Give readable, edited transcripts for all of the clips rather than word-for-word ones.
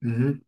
Mhm.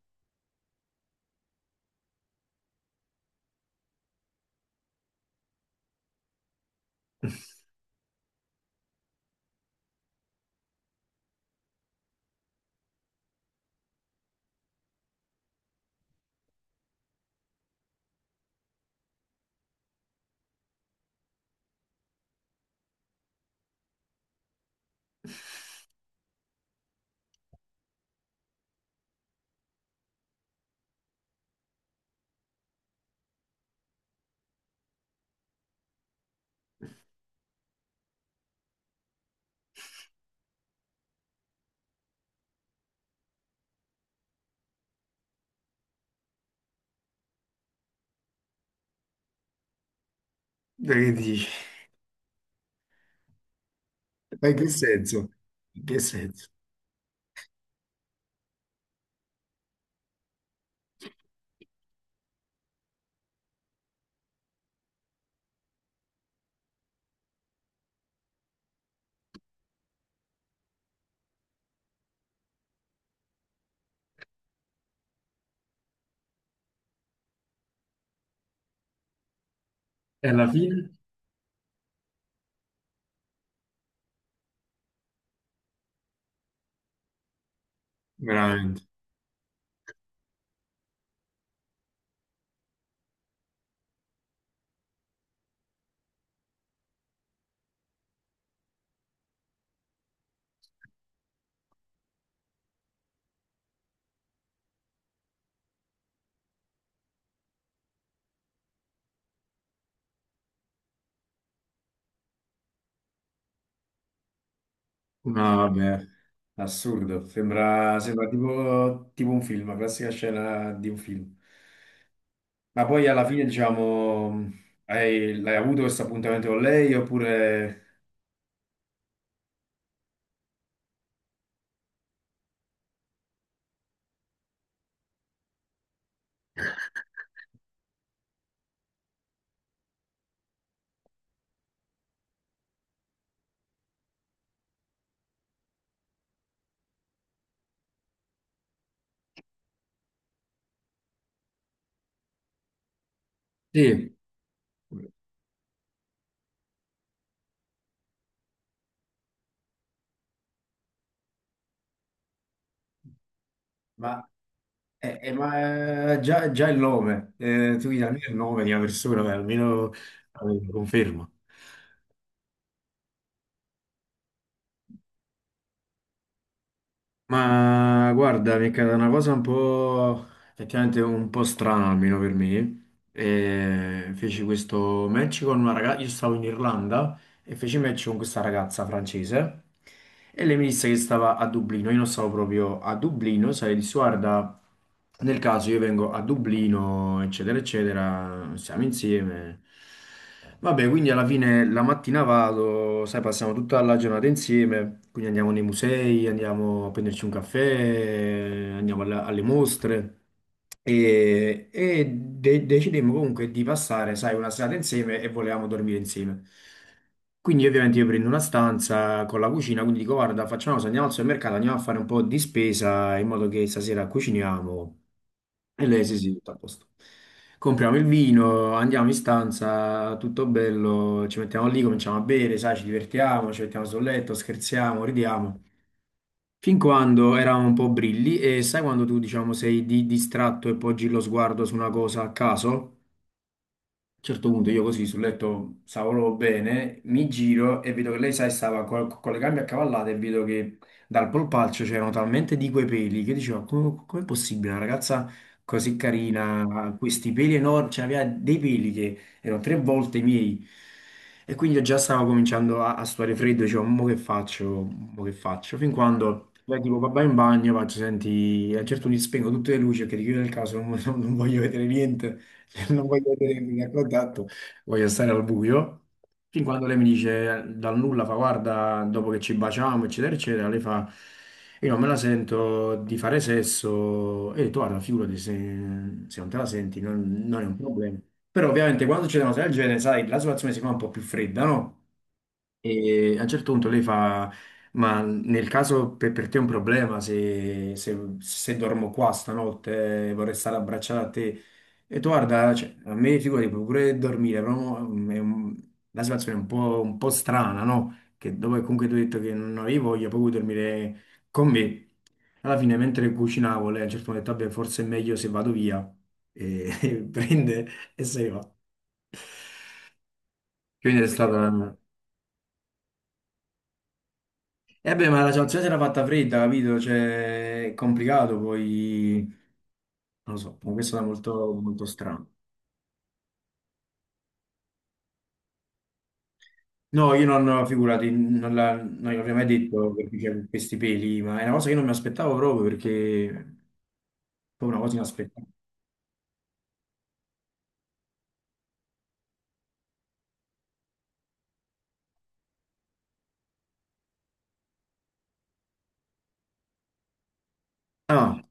Dai, che dici? Ma in che senso? In che senso? E alla fine? Veramente. No, vabbè, assurdo, sembra, sembra tipo, tipo un film, la classica scena di un film. Ma poi alla fine, diciamo, hai, l'hai avuto questo appuntamento con lei oppure... Sì. Ma, ma già, già il nome, tu mi dai almeno il nome di una persona, beh, almeno conferma. Ma guarda, mi è caduta una cosa un po' effettivamente un po' strana almeno per me. E feci questo match con una ragazza. Io stavo in Irlanda e feci match con questa ragazza francese e lei mi disse che stava a Dublino, io non stavo proprio a Dublino, sai, disse guarda, nel caso io vengo a Dublino, eccetera, eccetera, siamo insieme. Vabbè, quindi alla fine la mattina vado, sai, passiamo tutta la giornata insieme, quindi andiamo nei musei, andiamo a prenderci un caffè, andiamo alle mostre e, decidemmo comunque di passare, sai, una serata insieme e volevamo dormire insieme. Quindi ovviamente io prendo una stanza con la cucina, quindi dico guarda, facciamo una cosa, andiamo al supermercato, andiamo a fare un po' di spesa in modo che stasera cuciniamo. E lei sì, sì, tutto a posto. Compriamo il vino, andiamo in stanza, tutto bello, ci mettiamo lì, cominciamo a bere, sai, ci divertiamo, ci mettiamo sul letto, scherziamo, ridiamo. Fin quando eravamo un po' brilli e sai quando tu, diciamo, sei distratto e poggi lo sguardo su una cosa a caso? A un certo punto io così sul letto stavo proprio bene, mi giro e vedo che lei, sai, stava con, le gambe accavallate e vedo che dal polpaccio c'erano talmente di quei peli che dicevo, come, com'è possibile una ragazza così carina, ha questi peli enormi, cioè aveva dei peli che erano tre volte i miei. E quindi io già stavo cominciando a sudare freddo, dicevo, mo che faccio, mo che faccio? Fin quando lei tipo, va vai in bagno, faccio, senti, a un certo punto gli spengo tutte le luci perché di chiudere il caso non voglio vedere niente. Non voglio vedere il primo contatto, voglio stare al buio. Fin quando lei mi dice dal nulla, fa guarda, dopo che ci baciamo, eccetera, eccetera, lei fa, io non me la sento di fare sesso, e tu guarda, figurati se, se non te la senti, non, non è un problema. Però ovviamente quando c'è una cosa del genere, sai, la situazione si fa un po' più fredda, no? E a un certo punto lei fa, ma nel caso per te è un problema se, se dormo qua stanotte, vorrei stare abbracciata a te, e tu guarda, cioè, a me figurati, puoi pure dormire, però è un- la situazione è un po' strana, no? Che dopo che comunque tu hai detto che non avevi voglia, poi vuoi dormire con me. Alla fine, mentre cucinavo, lei a un certo punto ha detto, vabbè, forse è meglio se vado via. E prende e se ne va. Quindi è stata una... E vabbè, ma la situazione si era fatta fredda, capito? Cioè, è complicato, poi... Non lo so, comunque è stata molto, molto strana. No, io non, figurati, non l'avrei mai detto perché c'erano questi peli, ma è una cosa che io non mi aspettavo proprio perché è proprio una cosa inaspettata. Ah,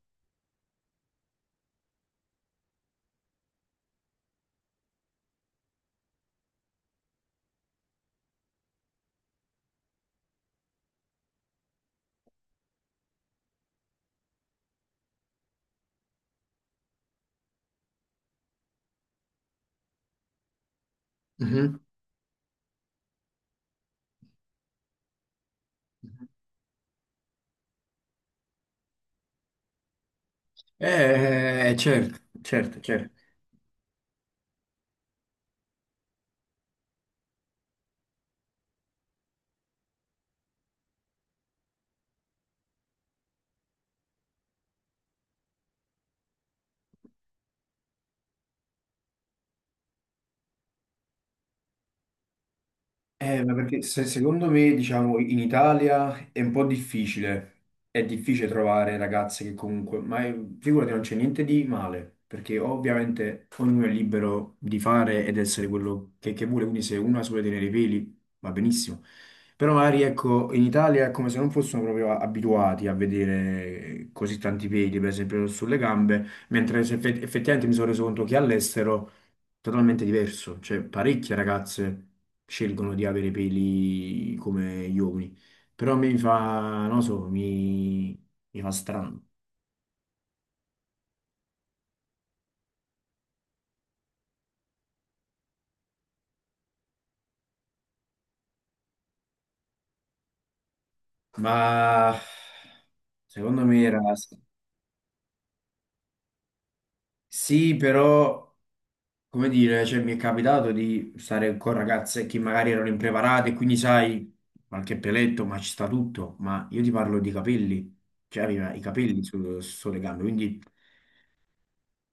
mhm. Certo, certo, certo. Ma perché secondo me, diciamo, in Italia è un po' difficile, è difficile trovare ragazze che comunque, ma è- figurati, non c'è niente di male, perché ovviamente ognuno è libero di fare ed essere quello che vuole, quindi se uno ha solo tenere i peli va benissimo. Però magari, ecco, in Italia è come se non fossero proprio abituati a vedere così tanti peli, per esempio, sulle gambe, mentre se effettivamente mi sono reso conto che all'estero totalmente diverso. Cioè, parecchie ragazze scelgono di avere i peli come gli uomini. Però a me mi fa, non lo so, mi fa strano. Ma secondo me era... Sì, però, come dire, cioè, mi è capitato di stare con ragazze che magari erano impreparate, quindi sai, qualche peletto, ma ci sta tutto. Ma io ti parlo di capelli. Cioè, aveva i capelli sulle gambe, quindi...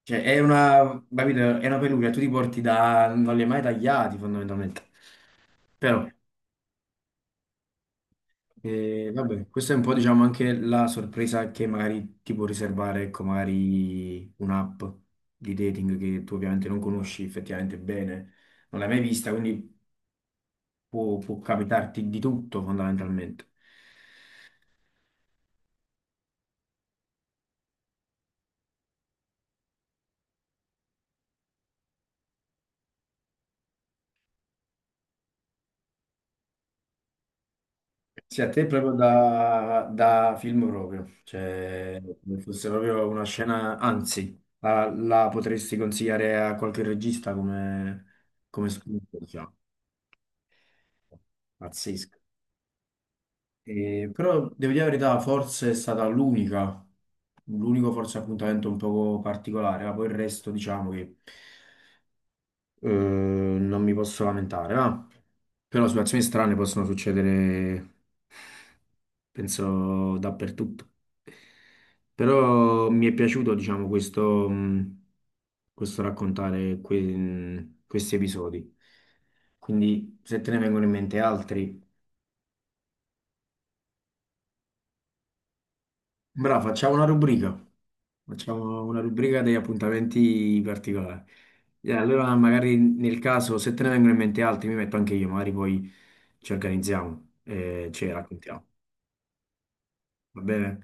Cioè, è una, capito? È una peluria, tu ti porti da... non li hai mai tagliati fondamentalmente. Però, vabbè, questa è un po', diciamo, anche la sorpresa che magari ti può riservare, ecco, magari un'app di dating che tu ovviamente non conosci effettivamente bene, non l'hai mai vista, quindi può, può capitarti di tutto fondamentalmente. Sì, a te proprio da, da film proprio, cioè come fosse proprio una scena, anzi, la, la potresti consigliare a qualche regista come, come spunto, diciamo, pazzesco. E- però devo dire la verità, forse è stata l'unica, l'unico forse appuntamento un poco particolare, ma poi il resto diciamo che non mi posso lamentare, ma però situazioni strane possono succedere penso dappertutto. Però mi è piaciuto, diciamo, questo, questo raccontare questi episodi. Quindi, se te ne vengono in mente altri, bravo, facciamo una rubrica. Facciamo una rubrica degli appuntamenti particolari. E allora, magari nel caso, se te ne vengono in mente altri, mi metto anche io, magari poi ci organizziamo e ci raccontiamo. Va bene?